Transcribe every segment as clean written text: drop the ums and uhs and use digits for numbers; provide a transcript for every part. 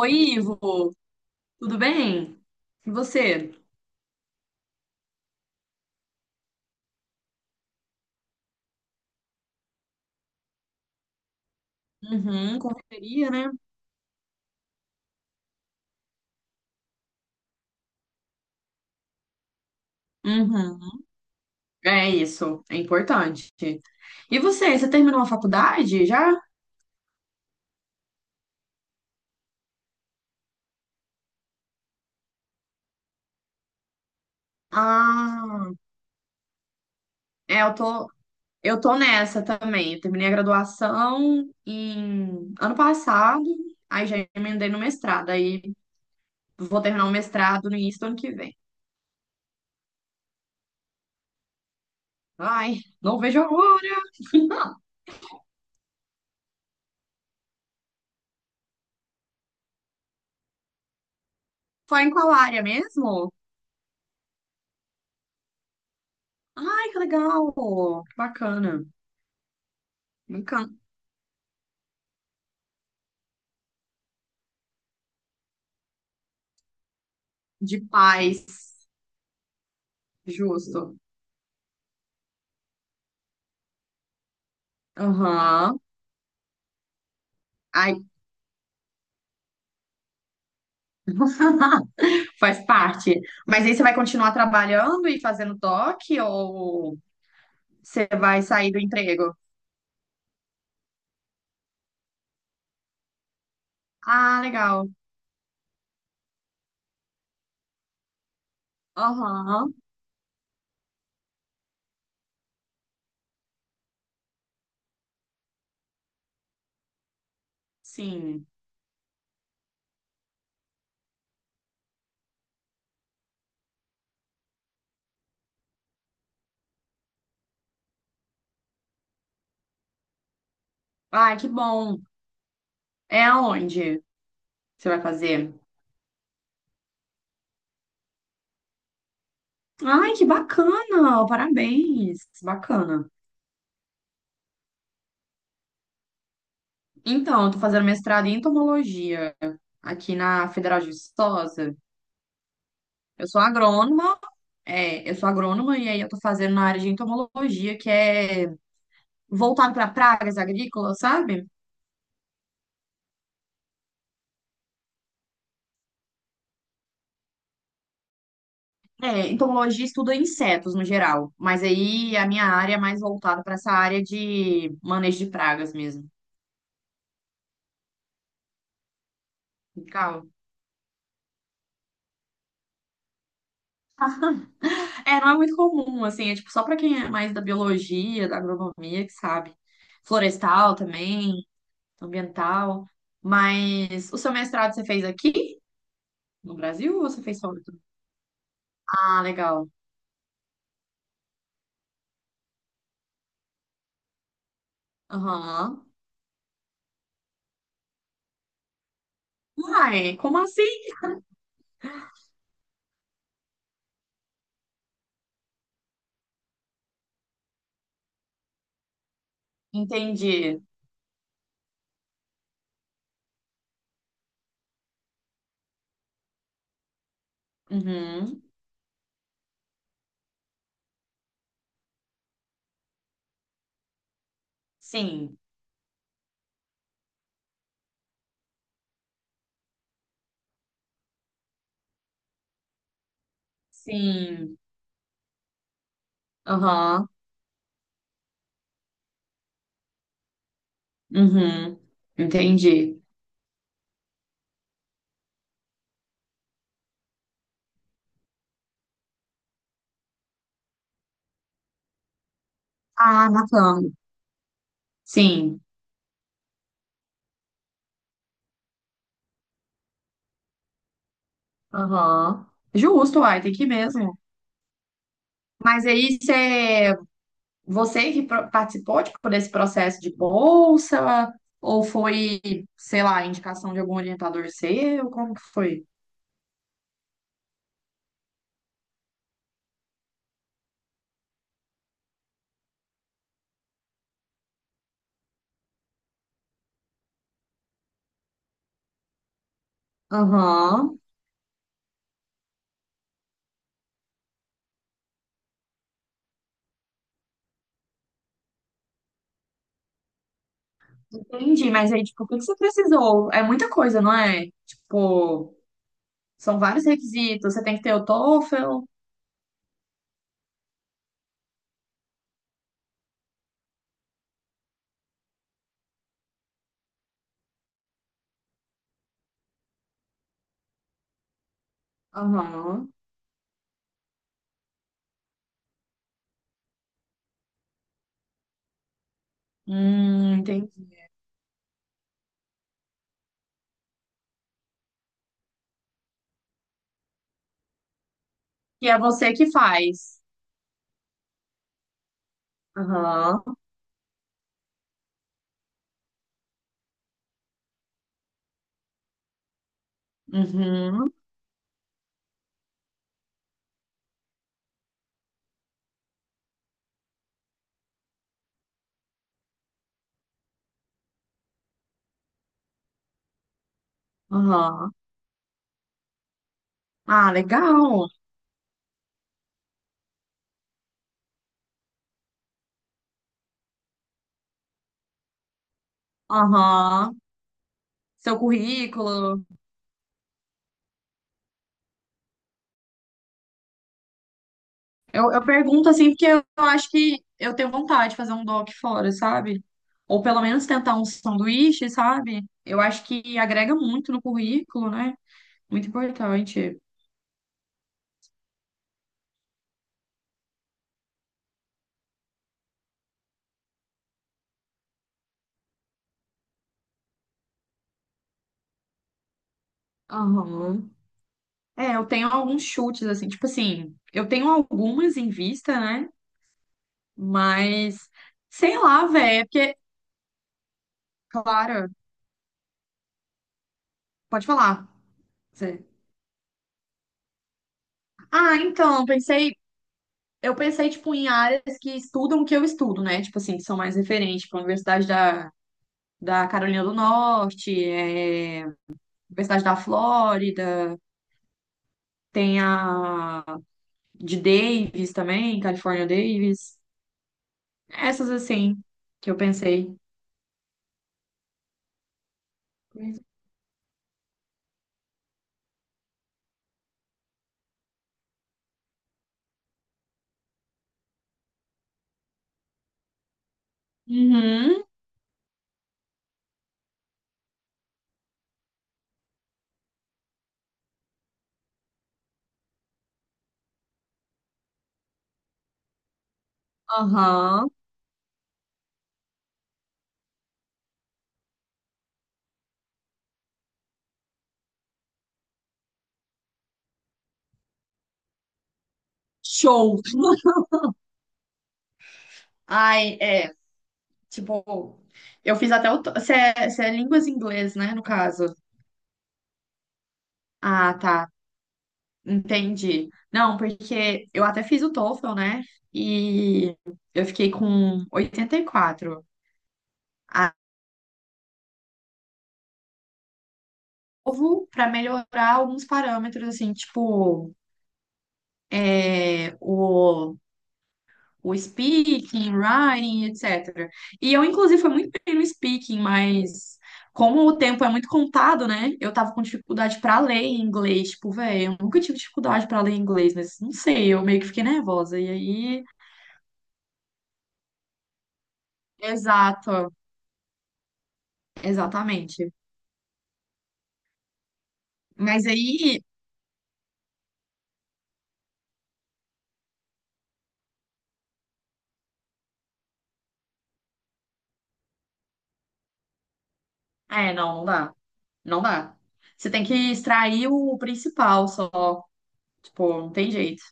Oi, Ivo, tudo bem? E você? Uhum, confeiteria, né? Uhum. É isso, é importante. E você, você terminou a faculdade já? Ah, é, eu tô nessa também. Eu terminei a graduação em ano passado, aí já emendei no mestrado, aí vou terminar o mestrado no início do ano que vem. Ai, não vejo a hora. Foi em qual área mesmo? Ai, que legal! Que bacana. Bacana. De paz, justo. Aham. Ai, faz parte. Mas aí você vai continuar trabalhando e fazendo toque ou você vai sair do emprego? Ah, legal. Aham. Sim. Ai, que bom. É aonde você vai fazer? Ai, que bacana! Parabéns! Bacana. Então, eu tô fazendo mestrado em entomologia aqui na Federal de Viçosa. Eu sou agrônoma. É, eu sou agrônoma e aí eu tô fazendo na área de entomologia, que é voltado para pragas agrícolas, sabe? É, entomologia estuda insetos no geral, mas aí a minha área é mais voltada para essa área de manejo de pragas mesmo. Legal. É, não é muito comum, assim, é tipo só para quem é mais da biologia, da agronomia, que sabe. Florestal também, ambiental. Mas o seu mestrado você fez aqui no Brasil ou você fez fora? Ah, legal. Aham. Uai, como assim? Entendi. Uhum. Sim. Sim. Aham. Uhum. Entendi. Ah, bacana. Sim. Aham. Justo, uai, tem que ir mesmo. Mas aí você que participou, tipo, desse processo de bolsa, ou foi, sei lá, indicação de algum orientador seu? Como que foi? Aham. Entendi, mas aí, tipo, o que que você precisou? É muita coisa, não é? Tipo, são vários requisitos. Você tem que ter o TOEFL. Aham. Entendi. Que é você que faz. Aham. Uhum. Aham. Ah, legal. Aham. Seu currículo. Eu pergunto assim, porque eu acho que eu tenho vontade de fazer um doc fora, sabe? Ou pelo menos tentar um sanduíche, sabe? Eu acho que agrega muito no currículo, né? Muito importante. Aham. É, eu tenho alguns chutes, assim, tipo assim, eu tenho algumas em vista, né? Mas, sei lá, velho, é porque, claro, pode falar. Você... Ah, então, eu pensei, tipo, em áreas que estudam o que eu estudo, né? Tipo assim, que são mais referentes, tipo, a Universidade da Carolina do Norte, é, Universidade da Flórida, tem a de Davis também, California Davis. Essas, assim, que eu pensei. Uhum, aham, show. Ai, é. Tipo, eu fiz até o se é, se é línguas em inglês, né, no caso. Ah, tá. Entendi. Não, porque eu até fiz o TOEFL, né? E eu fiquei com 84. Ah, novo para melhorar alguns parâmetros, assim, tipo, é, o speaking, writing, etc. E eu, inclusive, fui muito bem no speaking, mas como o tempo é muito contado, né? Eu tava com dificuldade pra ler em inglês. Tipo, velho, eu nunca tive dificuldade pra ler em inglês, mas não sei, eu meio que fiquei nervosa. E aí. Exato, exatamente. Mas aí. É, não, não dá. Não dá. Você tem que extrair o principal só. Tipo, não tem jeito.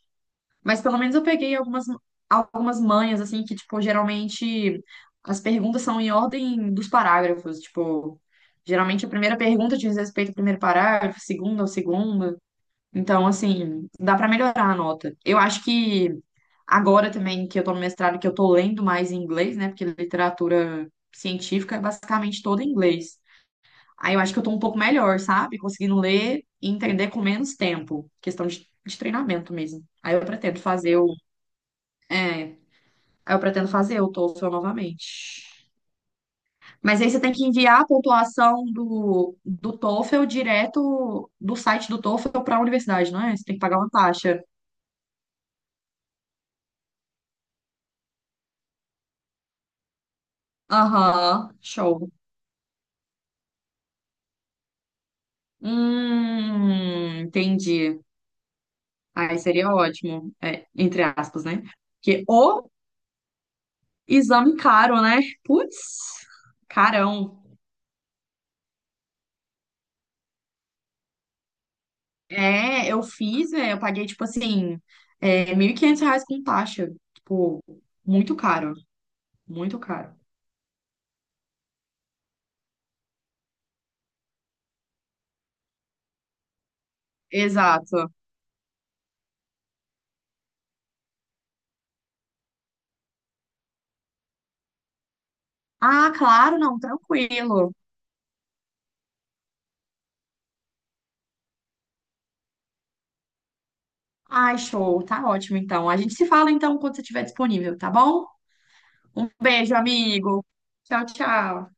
Mas pelo menos eu peguei algumas manhas, assim, que, tipo, geralmente as perguntas são em ordem dos parágrafos. Tipo, geralmente a primeira pergunta diz respeito ao primeiro parágrafo, a segunda ao segundo. Então, assim, dá pra melhorar a nota. Eu acho que agora também que eu tô no mestrado, que eu tô lendo mais em inglês, né? Porque literatura científica é basicamente toda em inglês. Aí eu acho que eu tô um pouco melhor, sabe? Conseguindo ler e entender com menos tempo. Questão de treinamento mesmo. Aí eu pretendo fazer o TOEFL novamente. Mas aí você tem que enviar a pontuação do TOEFL direto do site do TOEFL para a universidade, não é? Você tem que pagar uma taxa. Aham, show. Entendi. Aí seria ótimo, é, entre aspas, né? Porque o exame caro, né? Putz, carão. É, eu fiz, é, eu paguei, tipo assim, é, 1.500 reais com taxa. Tipo, muito caro, muito caro. Exato. Ah, claro, não, tranquilo. Ai, show, tá ótimo então. A gente se fala então quando você estiver disponível, tá bom? Um beijo, amigo. Tchau, tchau.